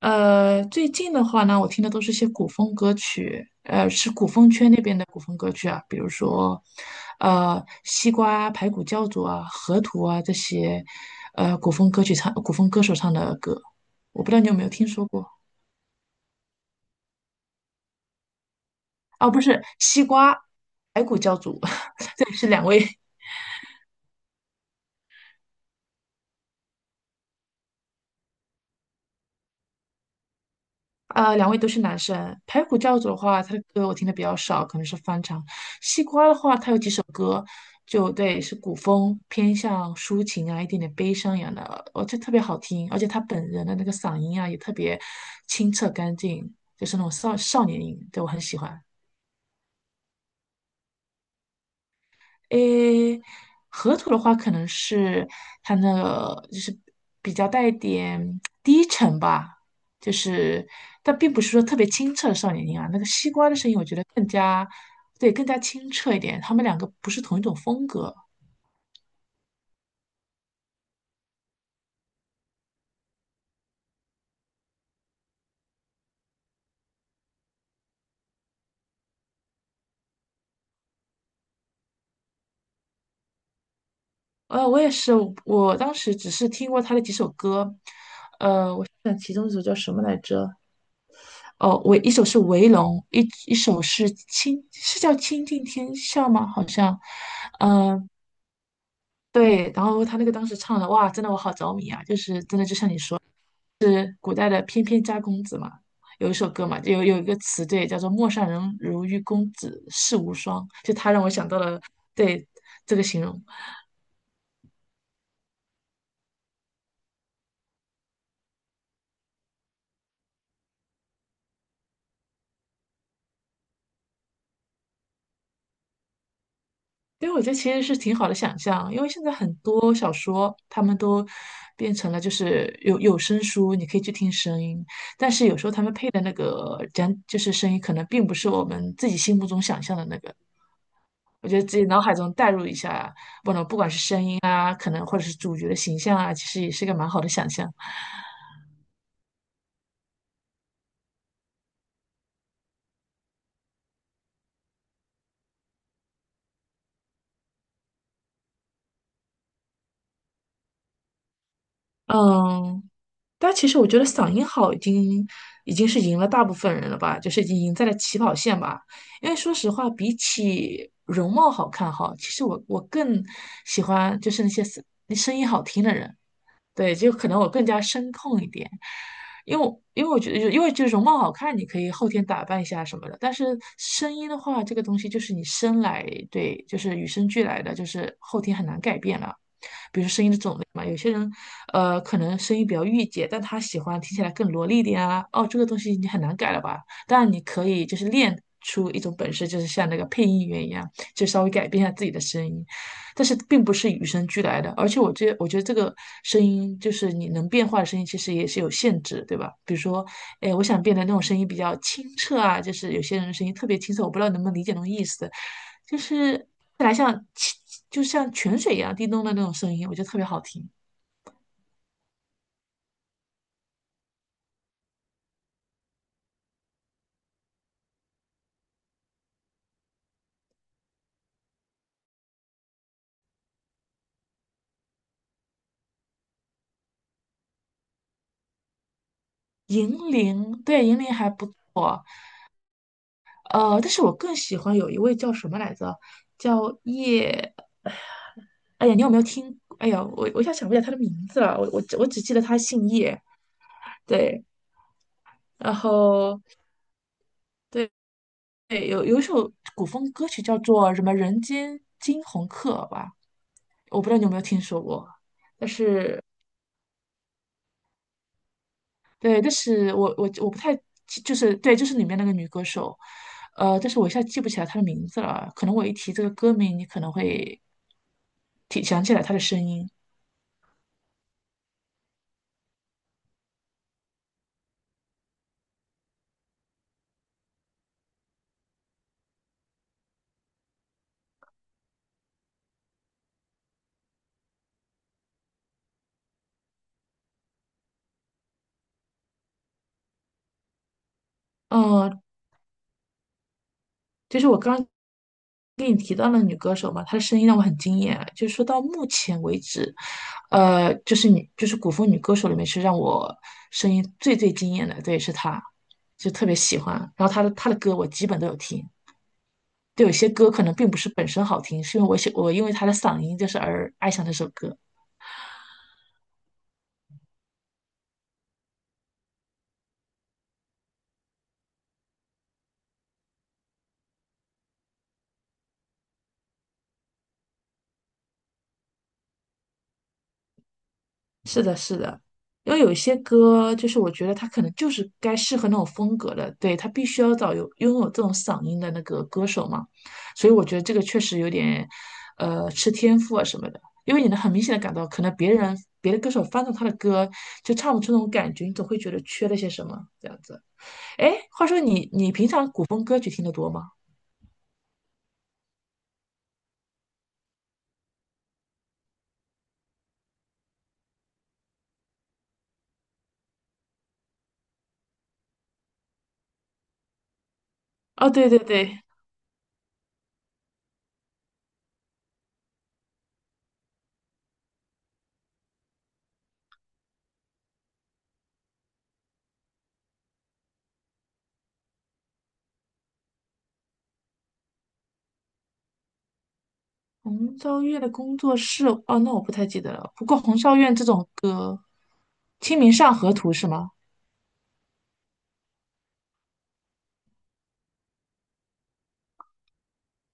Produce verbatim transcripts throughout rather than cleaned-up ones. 呃，最近的话呢，我听的都是些古风歌曲，呃，是古风圈那边的古风歌曲啊，比如说，呃，西瓜、排骨教主啊、河图啊这些，呃，古风歌曲唱，古风歌手唱的歌，我不知道你有没有听说过啊？不是西瓜、排骨教主，这是两位呃，两位都是男生。排骨教主的话，他的歌我听的比较少，可能是翻唱。西瓜的话，他有几首歌，就对，是古风，偏向抒情啊，一点点悲伤一样的，而且特别好听。而且他本人的那个嗓音啊，也特别清澈干净，就是那种少少年音，对我很喜欢。诶，河图的话可能是它那个就是比较带一点低沉吧，就是但并不是说特别清澈的少年音啊。那个西瓜的声音，我觉得更加对，更加清澈一点。他们两个不是同一种风格。呃，我也是，我当时只是听过他的几首歌，但其中一首叫什么来着？哦，我一首是《围龙》，一一首是《清》，是叫《倾尽天下》吗？好像，嗯、对，然后他那个当时唱的，哇，真的我好着迷啊！就是真的，就像你说，是古代的翩翩家公子嘛，有一首歌嘛，有有一个词对，叫做"陌上人如玉公子世无双"，就他让我想到了对这个形容。因为我觉得其实是挺好的想象，因为现在很多小说他们都变成了就是有有声书，你可以去听声音，但是有时候他们配的那个讲就是声音，可能并不是我们自己心目中想象的那个。我觉得自己脑海中代入一下。啊，可能或者是主角的形象啊，其实也是个蛮好的想象。嗯，但其实我觉得嗓音好已经已经是赢了大部分人了吧，就是已经赢在了起跑线吧。因为说实话，比起容貌好看哈，其实我我更喜欢就是那些声声音好听的人。对，就可能我更加声控一点，因为我因为我觉得，因为就容貌好看，你可以后天打扮一下什么的，但是声音的话，这个东西就是你生来，对，就是与生俱来的，就是后天很难改变了。比如说声音的种类嘛，有些人，呃，可能声音比较御姐，但他喜欢听起来更萝莉一点啊。哦，这个东西你很难改了吧？当然你可以就是练出一种本事，就是像那个配音员一样，就稍微改变一下自己的声音。但是并不是与生俱来的，而且我觉我觉得这个声音就是你能变化的声音，其实也是有限制，对吧？比如说，哎，我想变得那种声音比较清澈啊，就是有些人的声音特别清澈，我不知道能不能理解那种意思。看来像清就像泉水一样叮咚的那种声音，我觉得特别好听。银铃，对，银铃还不错，呃，但是我更喜欢有一位叫什么来着，叫叶，哎呀，你有没有听？哎呀，我我一下想不起来他的名字了，我我只我只记得他姓叶，对。然后对，对，有有一首古风歌曲叫做什么《人间惊鸿客》吧，我不知道你有没有听说过，但是对，但是我我我不太记就是对，就是里面那个女歌手，呃，但是我一下记不起来她的名字了，可能我一提这个歌名，你可能会提想起来她的声音。嗯，就是我刚刚跟你提到了女歌手嘛，她的声音让我很惊艳。就是说到目前为止，呃，就是女，就是古风女歌手里面是让我声音最最惊艳的，对，是她，就特别喜欢。然后她的她的歌我基本都有听，就有些歌可能并不是本身好听，是因为我喜我因为她的嗓音就是而爱上这首歌。是的，是的，因为有一些歌，就是我觉得他可能就是该适合那种风格的，对，他必须要找有拥有这种嗓音的那个歌手嘛，所以我觉得这个确实有点，呃，吃天赋啊什么的，因为你能很明显的感到，可能别人别的歌手翻唱他的歌就唱不出那种感觉，你总会觉得缺了些什么这样子。哎，话说你你平常古风歌曲听得多吗？哦，对对对，红昭愿的工作室，哦，那我不太记得了。不过红昭愿这种歌，呃《清明上河图》是吗？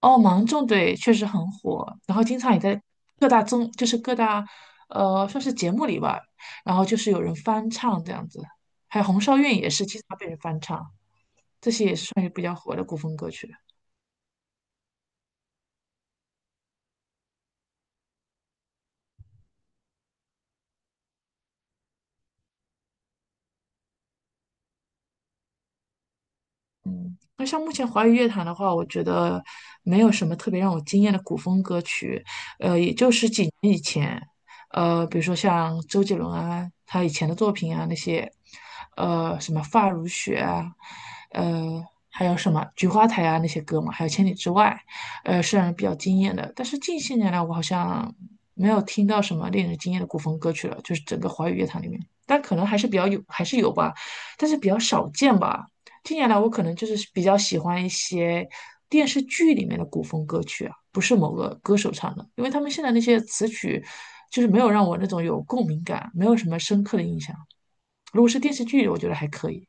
哦，芒种对，确实很火，然后经常也在各大综，就是各大呃算是节目里吧，然后就是有人翻唱这样子。还有红昭愿也是经常被人翻唱，这些也是算是比较火的古风歌曲。那像目前华语乐坛的话，我觉得没有什么特别让我惊艳的古风歌曲。也就是几年以前，呃，比如说像周杰伦啊，他以前的作品啊那些，呃，什么《发如雪》啊，呃，还有什么《菊花台》啊那些歌嘛，还有《千里之外》，呃，是让人比较惊艳的。但是近些年来，我好像没有听到什么令人惊艳的古风歌曲了，就是整个华语乐坛里面，但可能还是比较有，还是有吧，但是比较少见吧。近年来我可能就是比较喜欢一些电视剧里面的古风歌曲啊，不是某个歌手唱的，因为他们现在那些词曲就是没有让我那种有共鸣感，没有什么深刻的印象。如果是电视剧，我觉得还可以。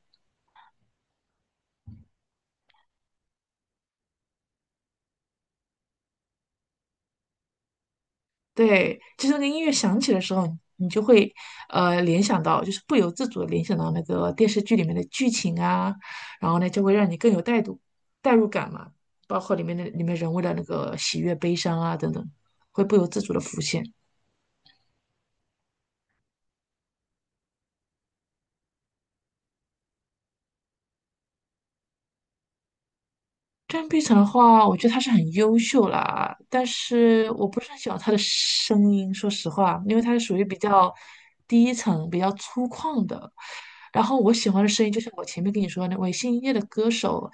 对，就是那个音乐响起的时候，你就会呃联想到，就是不由自主的联想到那个电视剧里面的剧情啊，然后呢就会让你更有代入代入感嘛，包括里面的里面人物的那个喜悦、悲伤啊等等，会不由自主的浮现。张碧晨的话，我觉得她是很优秀啦，但是我不是很喜欢她的声音，说实话，因为她是属于比较低沉、比较粗犷的。然后我喜欢的声音，就像我前面跟你说的那位姓叶的歌手，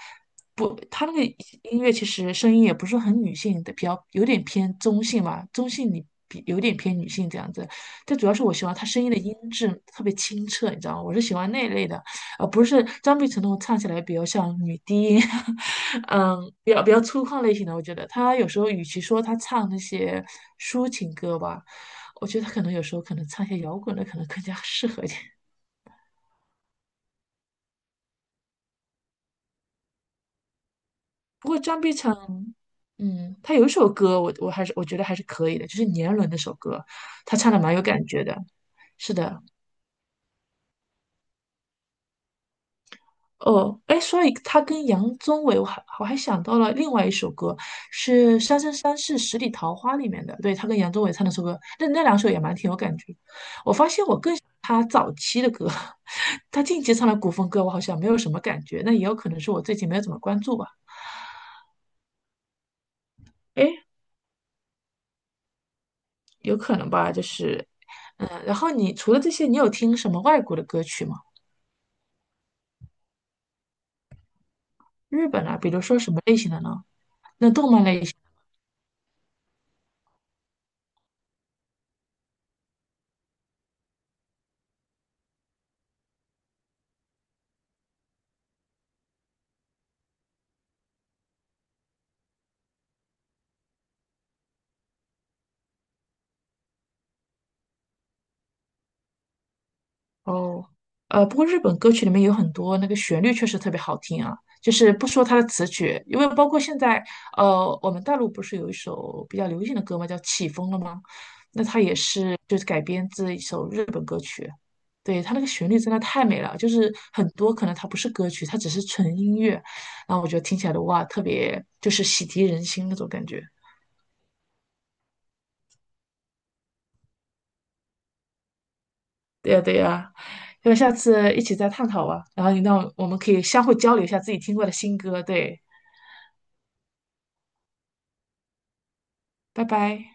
不，他那个音乐其实声音也不是很女性的，比较有点偏中性嘛，中性你比有点偏女性这样子。但主要是我喜欢他声音的音质特别清澈，你知道吗？我是喜欢那一类的。啊，不是张碧晨的，唱起来比较像女低音，嗯，比较比较粗犷类型的。我觉得她有时候与其说她唱那些抒情歌吧，我觉得她可能有时候可能唱一些摇滚的可能更加适合一点。不过张碧晨，嗯，她有一首歌我我还是我觉得还是可以的，就是《年轮》那首歌，她唱的蛮有感觉的。是的，哦，哎，所以他跟杨宗纬，我还我还想到了另外一首歌，是《三生三世十里桃花》里面的，对，他跟杨宗纬唱那首歌，那那两首也蛮挺有感觉。我发现我更喜欢他早期的歌，他近期唱的古风歌我好像没有什么感觉，那也有可能是我最近没有怎么关注吧，哎，有可能吧，就是，嗯，然后你除了这些，你有听什么外国的歌曲吗？日本啊，比如说什么类型的呢？那动漫类。型？哦，呃，不过日本歌曲里面有很多那个旋律确实特别好听啊，就是不说它的词曲，因为包括现在，呃，我们大陆不是有一首比较流行的歌嘛，叫《起风了》吗？那它也是就是改编自一首日本歌曲，对，它那个旋律真的太美了，就是很多可能它不是歌曲，它只是纯音乐，然后我觉得听起来的哇，特别就是洗涤人心那种感觉。对呀，对呀，要不下次一起再探讨吧，然后你让我们可以相互交流一下自己听过的新歌，对。拜拜。